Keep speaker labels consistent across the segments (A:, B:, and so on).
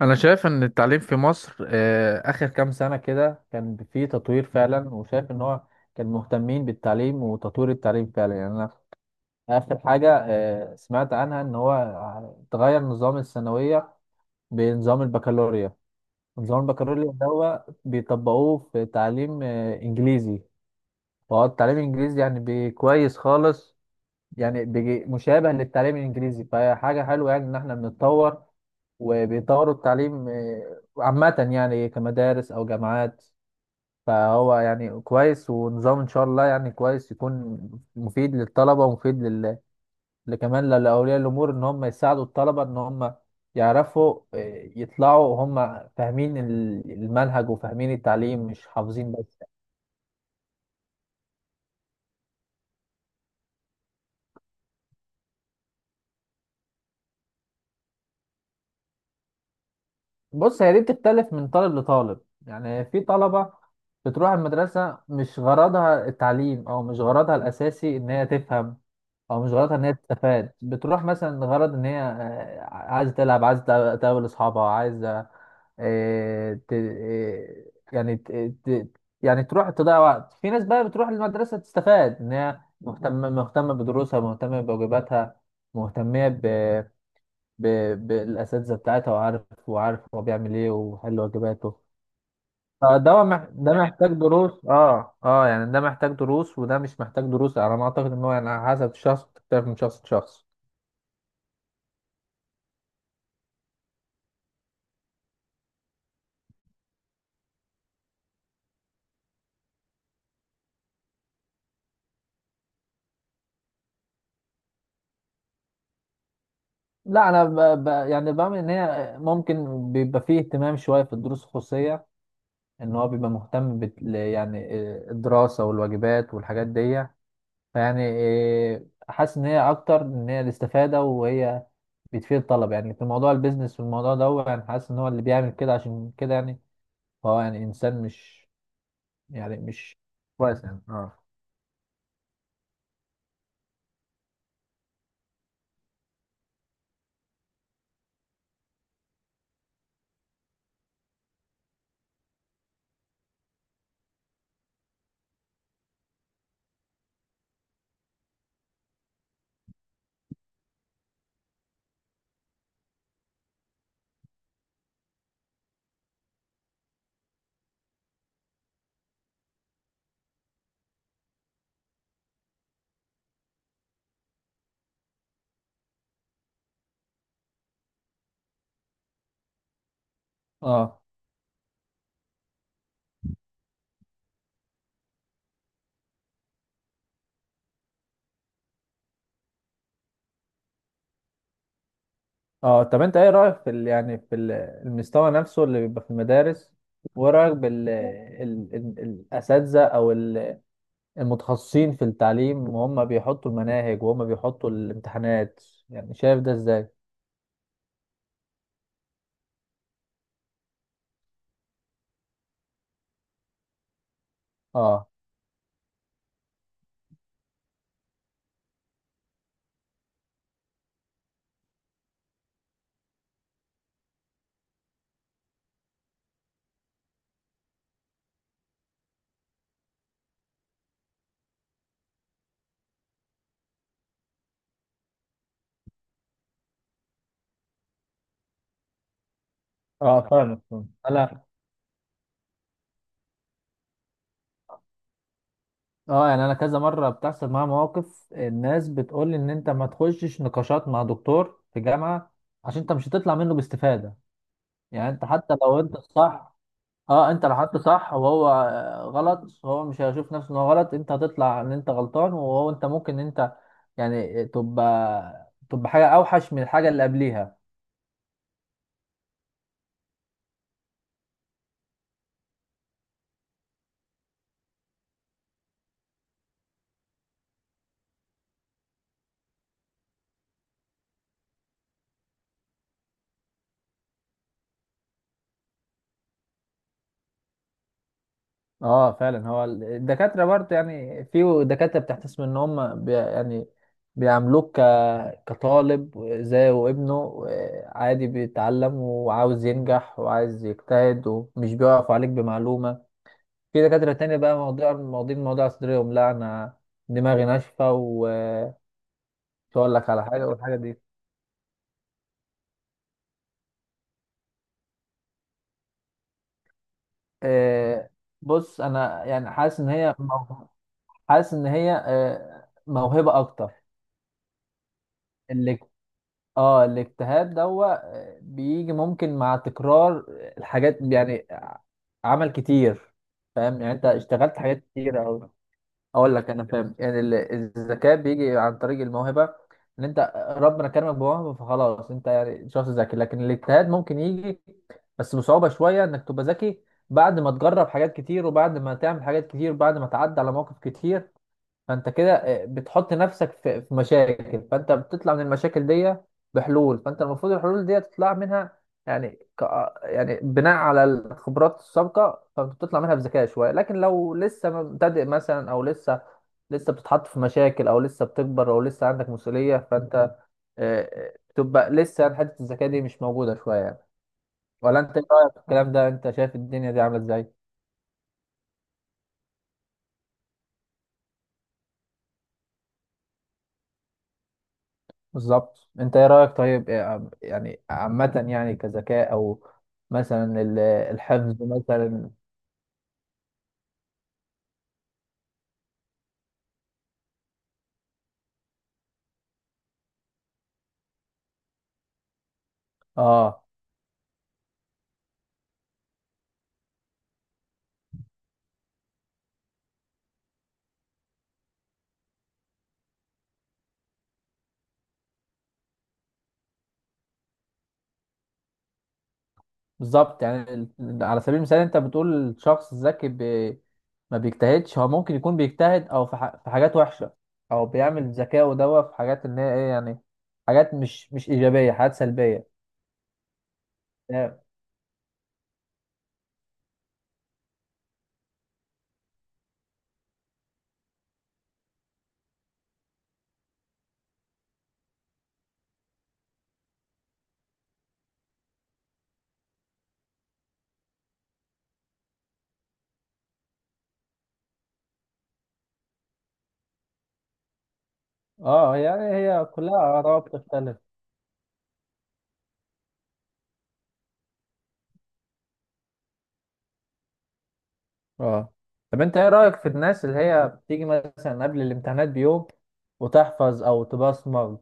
A: انا شايف ان التعليم في مصر اخر كام سنة كده كان فيه تطوير فعلا، وشايف ان هو كان مهتمين بالتعليم وتطوير التعليم فعلا. يعني انا اخر حاجة سمعت عنها ان هو تغير نظام الثانوية بنظام البكالوريا. نظام البكالوريا ده هو بيطبقوه في تعليم انجليزي. فهو التعليم الانجليزي يعني كويس خالص. يعني بيجي مشابه للتعليم الانجليزي، فهي حاجة حلوة يعني ان احنا بنتطور. وبيطوروا التعليم عامة، يعني كمدارس أو جامعات. فهو يعني كويس، ونظام إن شاء الله يعني كويس يكون مفيد للطلبة ومفيد لكمان لأولياء الأمور إن هم يساعدوا الطلبة، إن هم يعرفوا يطلعوا هم فاهمين المنهج وفاهمين التعليم، مش حافظين بس. بص، هي دي بتختلف من طالب لطالب. يعني في طلبة بتروح المدرسة مش غرضها التعليم، أو مش غرضها الأساسي إن هي تفهم. او مش غلطها ان هي تستفاد، بتروح مثلا غرض ان هي عايزه تلعب، عايزه تقابل اصحابها، عايزه آه، ت- آه، يعني ت- يعني تروح تضيع وقت في ناس. بقى بتروح المدرسه تستفاد، ان هي مهتمه بدروسها، مهتمه بواجباتها، مهتمه ب... بالاساتذه بتاعتها، وعارف هو بيعمل ايه وحل واجباته. ده محتاج دروس، يعني ده محتاج دروس وده مش محتاج دروس، على ما اعتقد ان هو يعني على حسب الشخص، بتختلف من شخص لشخص. لا انا يعني بعمل ان هي ممكن بيبقى فيه اهتمام شويه في الدروس الخصوصيه، ان هو بيبقى مهتم يعني الدراسه والواجبات والحاجات دي. فيعني حاسس ان هي اكتر ان هي الاستفاده، وهي بتفيد الطلبه. يعني في موضوع البيزنس والموضوع ده، هو يعني حاسس ان هو اللي بيعمل كده عشان كده، يعني هو يعني انسان مش يعني مش كويس يعني اه اه طب انت ايه رايك في يعني في المستوى نفسه اللي بيبقى في المدارس؟ وايه رايك بال الاساتذه او المتخصصين في التعليم، وهم بيحطوا المناهج وهم بيحطوا الامتحانات؟ يعني شايف ده ازاي؟ اه اه فاهمك فاهمك. انا اه يعني انا كذا مره بتحصل معايا مواقف، الناس بتقول لي ان انت ما تخشش نقاشات مع دكتور في جامعه، عشان انت مش هتطلع منه باستفاده. يعني انت حتى لو انت الصح، اه انت لو حطه صح وهو غلط، هو مش هيشوف نفسه ان هو غلط، انت هتطلع ان انت غلطان، وهو انت ممكن ان انت يعني تبقى حاجه اوحش من الحاجه اللي قبليها. اه فعلا. هو الدكاتره برضه، يعني في دكاتره بتحتسب ان هم يعني بيعاملوك كطالب زيه وابنه، عادي بيتعلم وعاوز ينجح وعايز يجتهد، ومش بيقف عليك بمعلومه. في دكاتره تانية بقى، مواضيع مواضيع الموضوع صدرهم، لا انا دماغي ناشفة، مش هقول لك على حاجه والحاجه دي. آه بص، انا يعني حاسس ان هي حاسس ان هي موهبه اكتر. اللي اه الاجتهاد دوا بيجي ممكن مع تكرار الحاجات، يعني عمل كتير. فاهم يعني انت اشتغلت حاجات كتير او... اقول لك، انا فاهم. يعني الذكاء بيجي عن طريق الموهبه، ان انت ربنا كرمك بموهبه، فخلاص انت يعني شخص ذكي. لكن الاجتهاد ممكن يجي بس بصعوبه شويه انك تبقى ذكي، بعد ما تجرب حاجات كتير، وبعد ما تعمل حاجات كتير، وبعد ما تعدي على مواقف كتير. فانت كده بتحط نفسك في مشاكل، فانت بتطلع من المشاكل دي بحلول، فانت المفروض الحلول دي تطلع منها. يعني ك... آه، يعني بناء على الخبرات السابقه، فبتطلع منها بذكاء شويه. لكن لو لسه مبتدئ مثلا، او لسه بتتحط في مشاكل، او لسه بتكبر، او لسه عندك مسؤوليه، فانت بتبقى لسه يعني حته الذكاء دي مش موجوده شويه يعني. ولا انت ايه رايك في الكلام ده؟ انت شايف الدنيا دي عامله ازاي؟ بالظبط. انت ايه رأيك؟ طيب، يعني عامة يعني كذكاء، او مثلا الحفظ مثلا. اه بالظبط. يعني على سبيل المثال، انت بتقول الشخص الذكي ما بيجتهدش، هو ممكن يكون بيجتهد او في، في حاجات وحشة، او بيعمل ذكاءه دوا في حاجات ان هي ايه يعني، حاجات مش ايجابية، حاجات سلبية. اه، يعني هي كلها آراء بتختلف. اه. طب انت ايه رأيك في الناس اللي هي بتيجي مثلا قبل الامتحانات بيوم وتحفظ او تبصمج،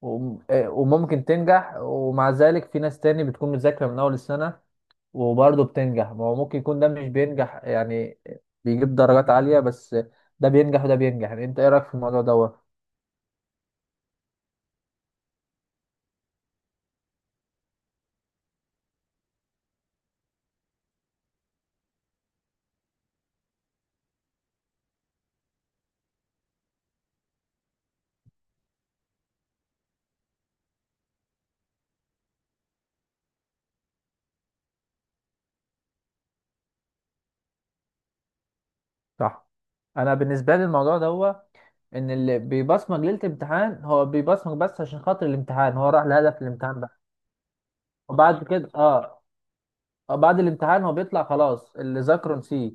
A: وممكن تنجح؟ ومع ذلك في ناس تاني بتكون مذاكرة من اول السنة وبرضه بتنجح. ما هو ممكن يكون ده مش بينجح، يعني بيجيب درجات عالية بس. ده بينجح وده بينجح، يعني انت ايه رأيك في الموضوع دوت؟ صح. انا بالنسبة لي الموضوع دوت ان اللي بيبصمج ليلة الامتحان هو بيبصمج بس عشان خاطر الامتحان، هو راح لهدف الامتحان بقى. وبعد كده اه بعد الامتحان هو بيطلع خلاص، اللي ذاكره نسيه.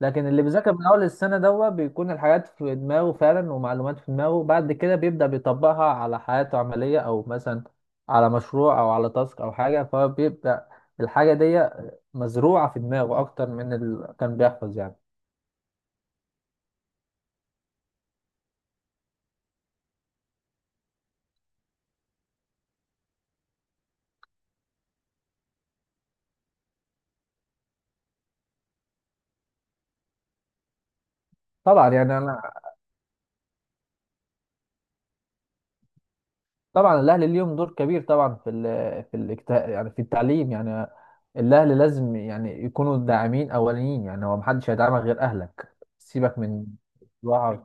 A: لكن اللي بيذاكر من اول السنه دوت، بيكون الحاجات في دماغه فعلا ومعلومات في دماغه، بعد كده بيبدا بيطبقها على حياته عمليه، او مثلا على مشروع او على تاسك او حاجه، فبيبدا الحاجه دي مزروعه في دماغه اكتر من اللي كان بيحفظ يعني. طبعا. يعني انا طبعا الاهلي ليهم دور كبير طبعا يعني في التعليم يعني. الاهلي لازم يعني يكونوا داعمين اوليين، يعني هو محدش هيدعمك غير اهلك، سيبك من الواقع.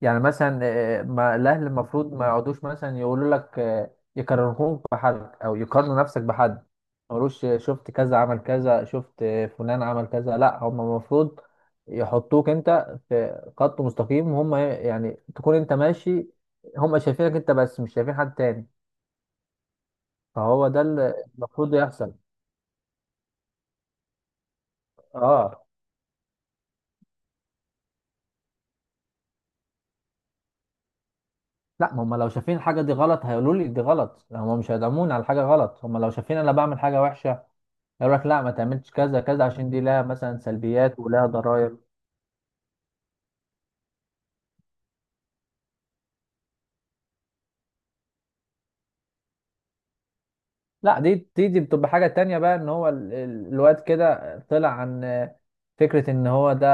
A: يعني مثلا ما الاهلي المفروض ما يقعدوش مثلا يقولوا لك يكرهوك بحد، او يقارنوا نفسك بحد، ما يقولوش شفت كذا عمل كذا، شفت فلان عمل كذا. لا، هم المفروض يحطوك انت في خط مستقيم هم، يعني تكون انت ماشي، هم شايفينك انت بس، مش شايفين حد تاني. فهو ده اللي المفروض يحصل. اه. لا هم لو شايفين الحاجه دي غلط هيقولوا لي دي غلط، يعني هم مش هيدعموني على حاجه غلط. هم لو شايفين انا بعمل حاجه وحشه، يقول لك لا ما تعملش كذا كذا، عشان دي لها مثلا سلبيات ولها ضرائب. لا، دي بتبقى حاجه تانية بقى، ان هو الواد كده طلع عن فكره ان هو ده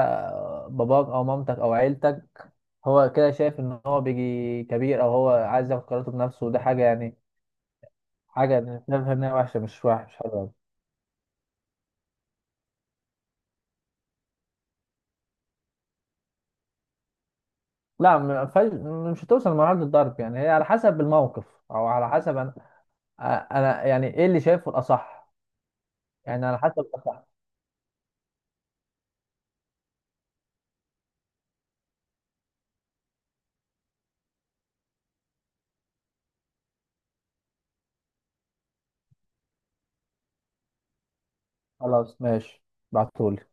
A: باباك او مامتك او عيلتك. هو كده شايف ان هو بيجي كبير، او هو عايز ياخد قراراته بنفسه، وده حاجه يعني حاجه شايفها انها وحشه، مش وحش حلوه. لا، مش هتوصل لمرحلة الضرب. يعني هي على حسب الموقف، او على حسب انا أ- انا يعني ايه اللي شايفه الاصح. يعني على حسب الاصح. خلاص، ماشي، بعتهولي.